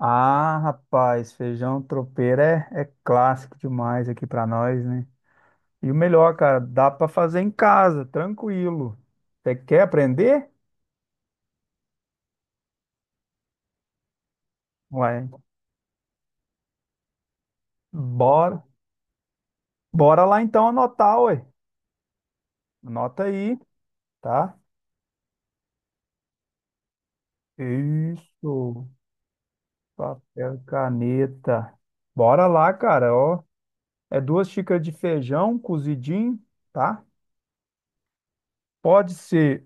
Ah, rapaz, feijão tropeiro é clássico demais aqui pra nós, né? E o melhor, cara, dá pra fazer em casa, tranquilo. Você quer aprender? Ué, bora. Bora lá então anotar, ué. Anota aí, tá? Isso. Papel e caneta. Bora lá, cara, ó. É duas xícaras de feijão cozidinho, tá? Pode ser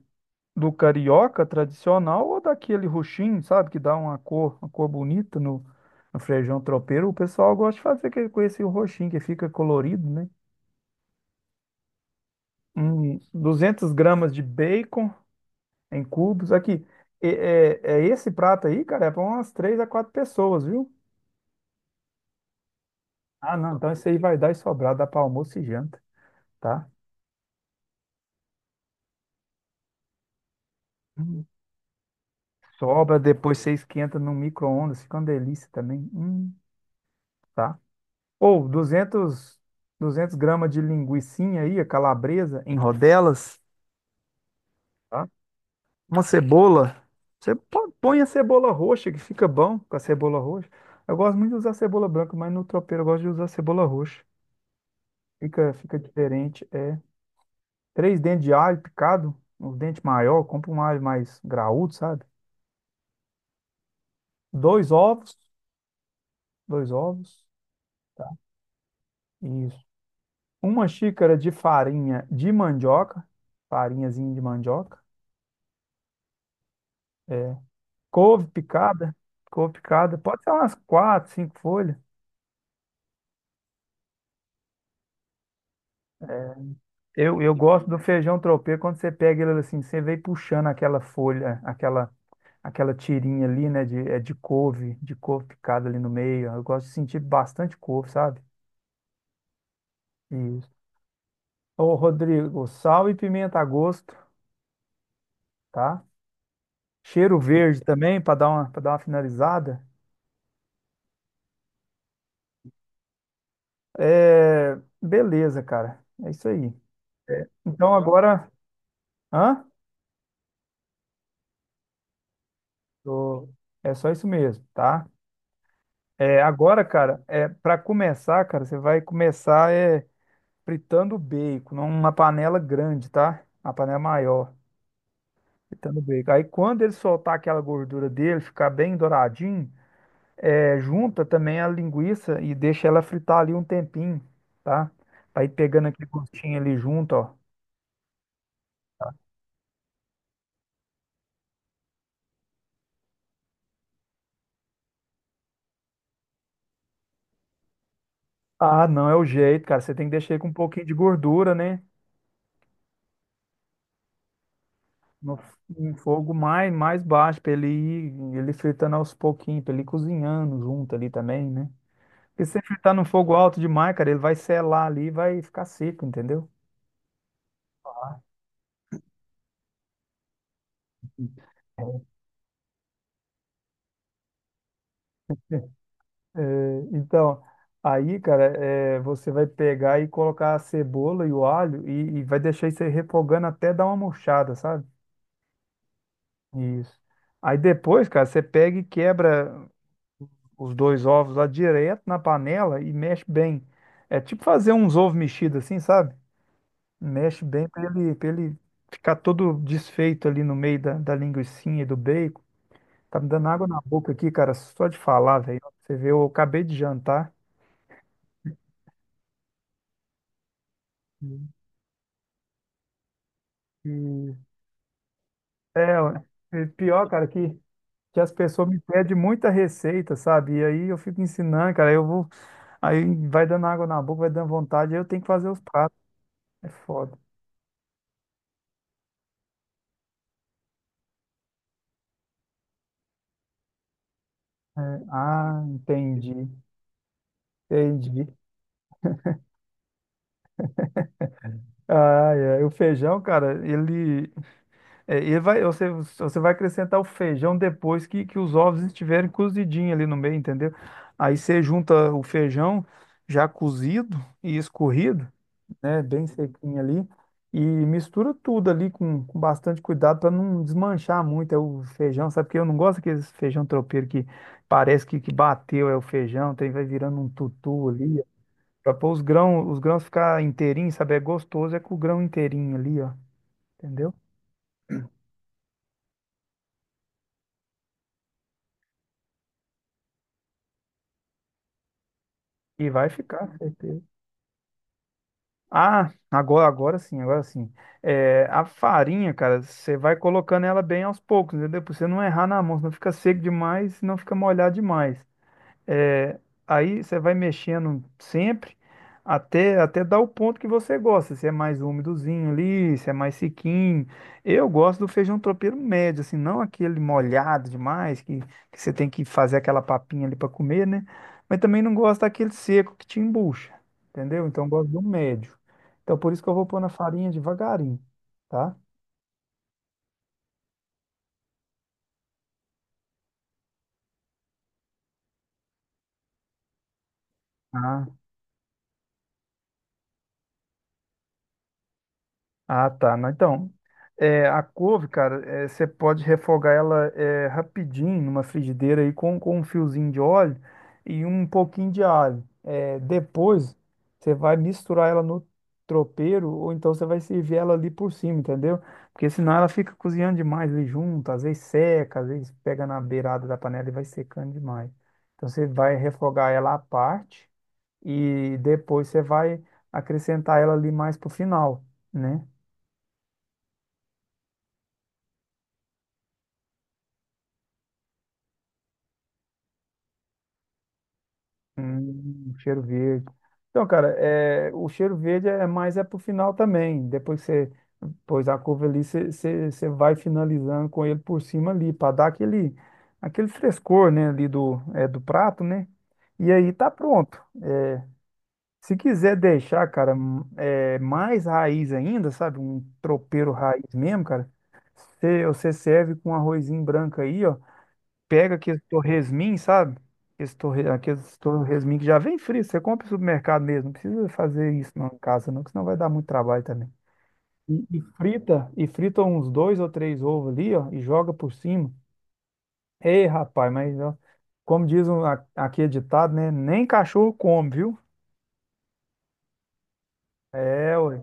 do carioca tradicional ou daquele roxinho, sabe, que dá uma cor bonita no feijão tropeiro. O pessoal gosta de fazer aquele com esse roxinho que fica colorido, né? 200 gramas de bacon em cubos. Aqui, é esse prato aí, cara, é para umas três a quatro pessoas, viu? Ah, não, então esse aí vai dar e sobrar, dá para almoço e janta, tá? Hum, sobra, depois você esquenta no micro-ondas, fica uma delícia também. Tá? Ou 200 gramas de linguicinha aí, a calabresa, em rodelas, tá? Uma cebola. Põe a cebola roxa, que fica bom com a cebola roxa. Eu gosto muito de usar cebola branca, mas no tropeiro eu gosto de usar cebola roxa. Fica diferente. É três dentes de alho picado, um dente maior, compra um alho mais graúdo, sabe? Dois ovos, dois ovos, isso. Uma xícara de farinha de mandioca, farinhazinha de mandioca. É. Couve picada, couve picada, pode ser umas quatro, cinco folhas. Eu gosto do feijão tropeiro quando você pega ele assim, você vem puxando aquela folha, aquela tirinha ali, né, de couve picada ali no meio. Eu gosto de sentir bastante couve, sabe? Isso. Ô, Rodrigo, sal e pimenta a gosto, tá? Cheiro verde também, para dar uma finalizada. É, beleza, cara. É isso aí. Então agora, hã? Tô- É só isso mesmo, tá? Agora, cara, é para começar, cara, você vai começar fritando o bacon numa panela grande, tá? Uma panela maior, fritando o bacon. Aí quando ele soltar aquela gordura dele, ficar bem douradinho, junta também a linguiça e deixa ela fritar ali um tempinho, tá? Vai pegando aquele gostinho ali junto, ó. Ah, não é o jeito, cara. Você tem que deixar ele com um pouquinho de gordura, né? No, Em fogo mais baixo, pra ele ir, ele fritando aos pouquinhos, pra ele ir cozinhando junto ali também, né? Porque se você fritar no fogo alto demais, cara, ele vai selar ali e vai ficar seco, entendeu? Ah, é, então, aí, cara, você vai pegar e colocar a cebola e o alho e vai deixar isso aí refogando até dar uma murchada, sabe? Isso. Aí depois, cara, você pega e quebra os dois ovos lá direto na panela e mexe bem. É tipo fazer uns ovos mexidos assim, sabe? Mexe bem pra ele ficar todo desfeito ali no meio da linguicinha e do bacon. Tá me dando água na boca aqui, cara, só de falar, velho. Você vê, eu acabei de jantar e é, ó, pior, cara, que as pessoas me pedem muita receita, sabe? E aí eu fico ensinando, cara, aí vai dando água na boca, vai dando vontade, aí eu tenho que fazer os pratos. É foda. Ah, entendi. Ah, é. O feijão, cara, ele, É, e vai, você, você vai acrescentar o feijão depois que os ovos estiverem cozidinhos ali no meio, entendeu? Aí você junta o feijão já cozido e escorrido, né? Bem sequinho ali, e mistura tudo ali com bastante cuidado para não desmanchar muito o feijão, sabe? Porque eu não gosto daqueles feijão tropeiro que parece que bateu o feijão, tem, vai virando um tutu ali, para pôr os grãos ficar inteirinhos, sabe? É gostoso, é com o grão inteirinho ali, ó, entendeu? E vai ficar, certeza. Ah, agora sim. É, a farinha, cara, você vai colocando ela bem aos poucos, entendeu? Pra você não errar na mão, senão fica seco demais, não fica molhado demais. É, aí você vai mexendo sempre até dar o ponto que você gosta. Se é mais úmidozinho ali, se é mais sequinho. Eu gosto do feijão tropeiro médio, assim, não aquele molhado demais, que você tem que fazer aquela papinha ali para comer, né? Mas também não gosto daquele seco que te embucha, entendeu? Então eu gosto do médio. Então por isso que eu vou pôr na farinha devagarinho, tá? Ah, tá. Não, então, é, a couve, cara, você pode refogar ela rapidinho numa frigideira aí com um fiozinho de óleo e um pouquinho de alho. É, depois, você vai misturar ela no tropeiro ou então você vai servir ela ali por cima, entendeu? Porque senão ela fica cozinhando demais ali junto, às vezes seca, às vezes pega na beirada da panela e vai secando demais. Então, você vai refogar ela à parte e depois você vai acrescentar ela ali mais pro final, né? Cheiro verde. Então, cara, é, o cheiro verde é mais é pro final também. Depois que você pôs a curva ali, você vai finalizando com ele por cima ali, para dar aquele, aquele frescor, né, ali do, do prato, né? E aí tá pronto. Se quiser deixar, cara, mais raiz ainda, sabe? Um tropeiro raiz mesmo, cara. Você serve com um arrozinho branco aí, ó, pega aqueles torresmin, sabe? Aqueles torresmin que já vem frio, você compra no supermercado mesmo, não precisa fazer isso não em casa não, que senão vai dar muito trabalho também. E frita uns dois ou três ovos ali, ó, e joga por cima. Ei, rapaz, mas ó, como diz um, aqui é ditado, né? Nem cachorro come, viu? É, ué.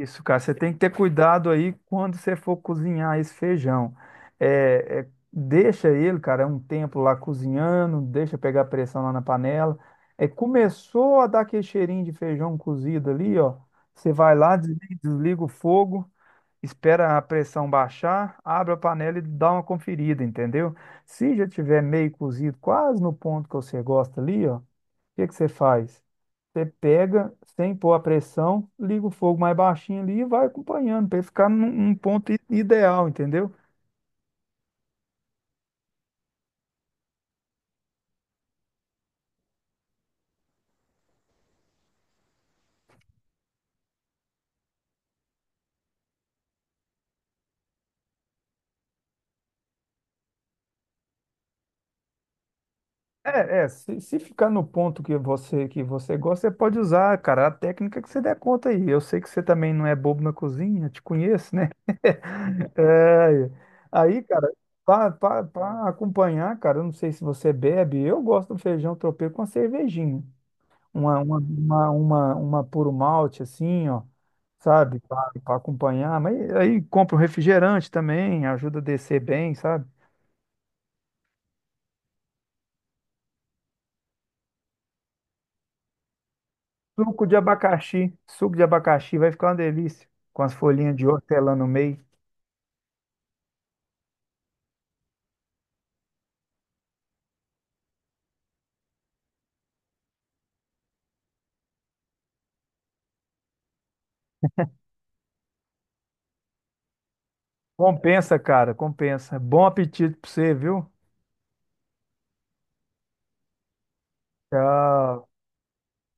Isso, cara, você tem que ter cuidado aí quando você for cozinhar esse feijão. Deixa ele, cara, um tempo lá cozinhando, deixa pegar pressão lá na panela. É, começou a dar aquele cheirinho de feijão cozido ali, ó. Você vai lá, desliga o fogo, espera a pressão baixar, abre a panela e dá uma conferida, entendeu? Se já tiver meio cozido, quase no ponto que você gosta ali, ó, o que que você faz? Você pega sem pôr a pressão, liga o fogo mais baixinho ali e vai acompanhando para ficar num ponto ideal, entendeu? Se ficar no ponto que você gosta, você pode usar, cara, a técnica que você der conta aí. Eu sei que você também não é bobo na cozinha, te conheço, né? É, aí, cara, para acompanhar, cara, eu não sei se você bebe, eu gosto do feijão tropeiro com a cervejinha. Uma puro malte, assim, ó, sabe, para acompanhar. Mas aí compra um refrigerante também, ajuda a descer bem, sabe? Suco de abacaxi vai ficar uma delícia, com as folhinhas de hortelã no meio. Compensa, cara, compensa. Bom apetite pra você, viu? Tchau.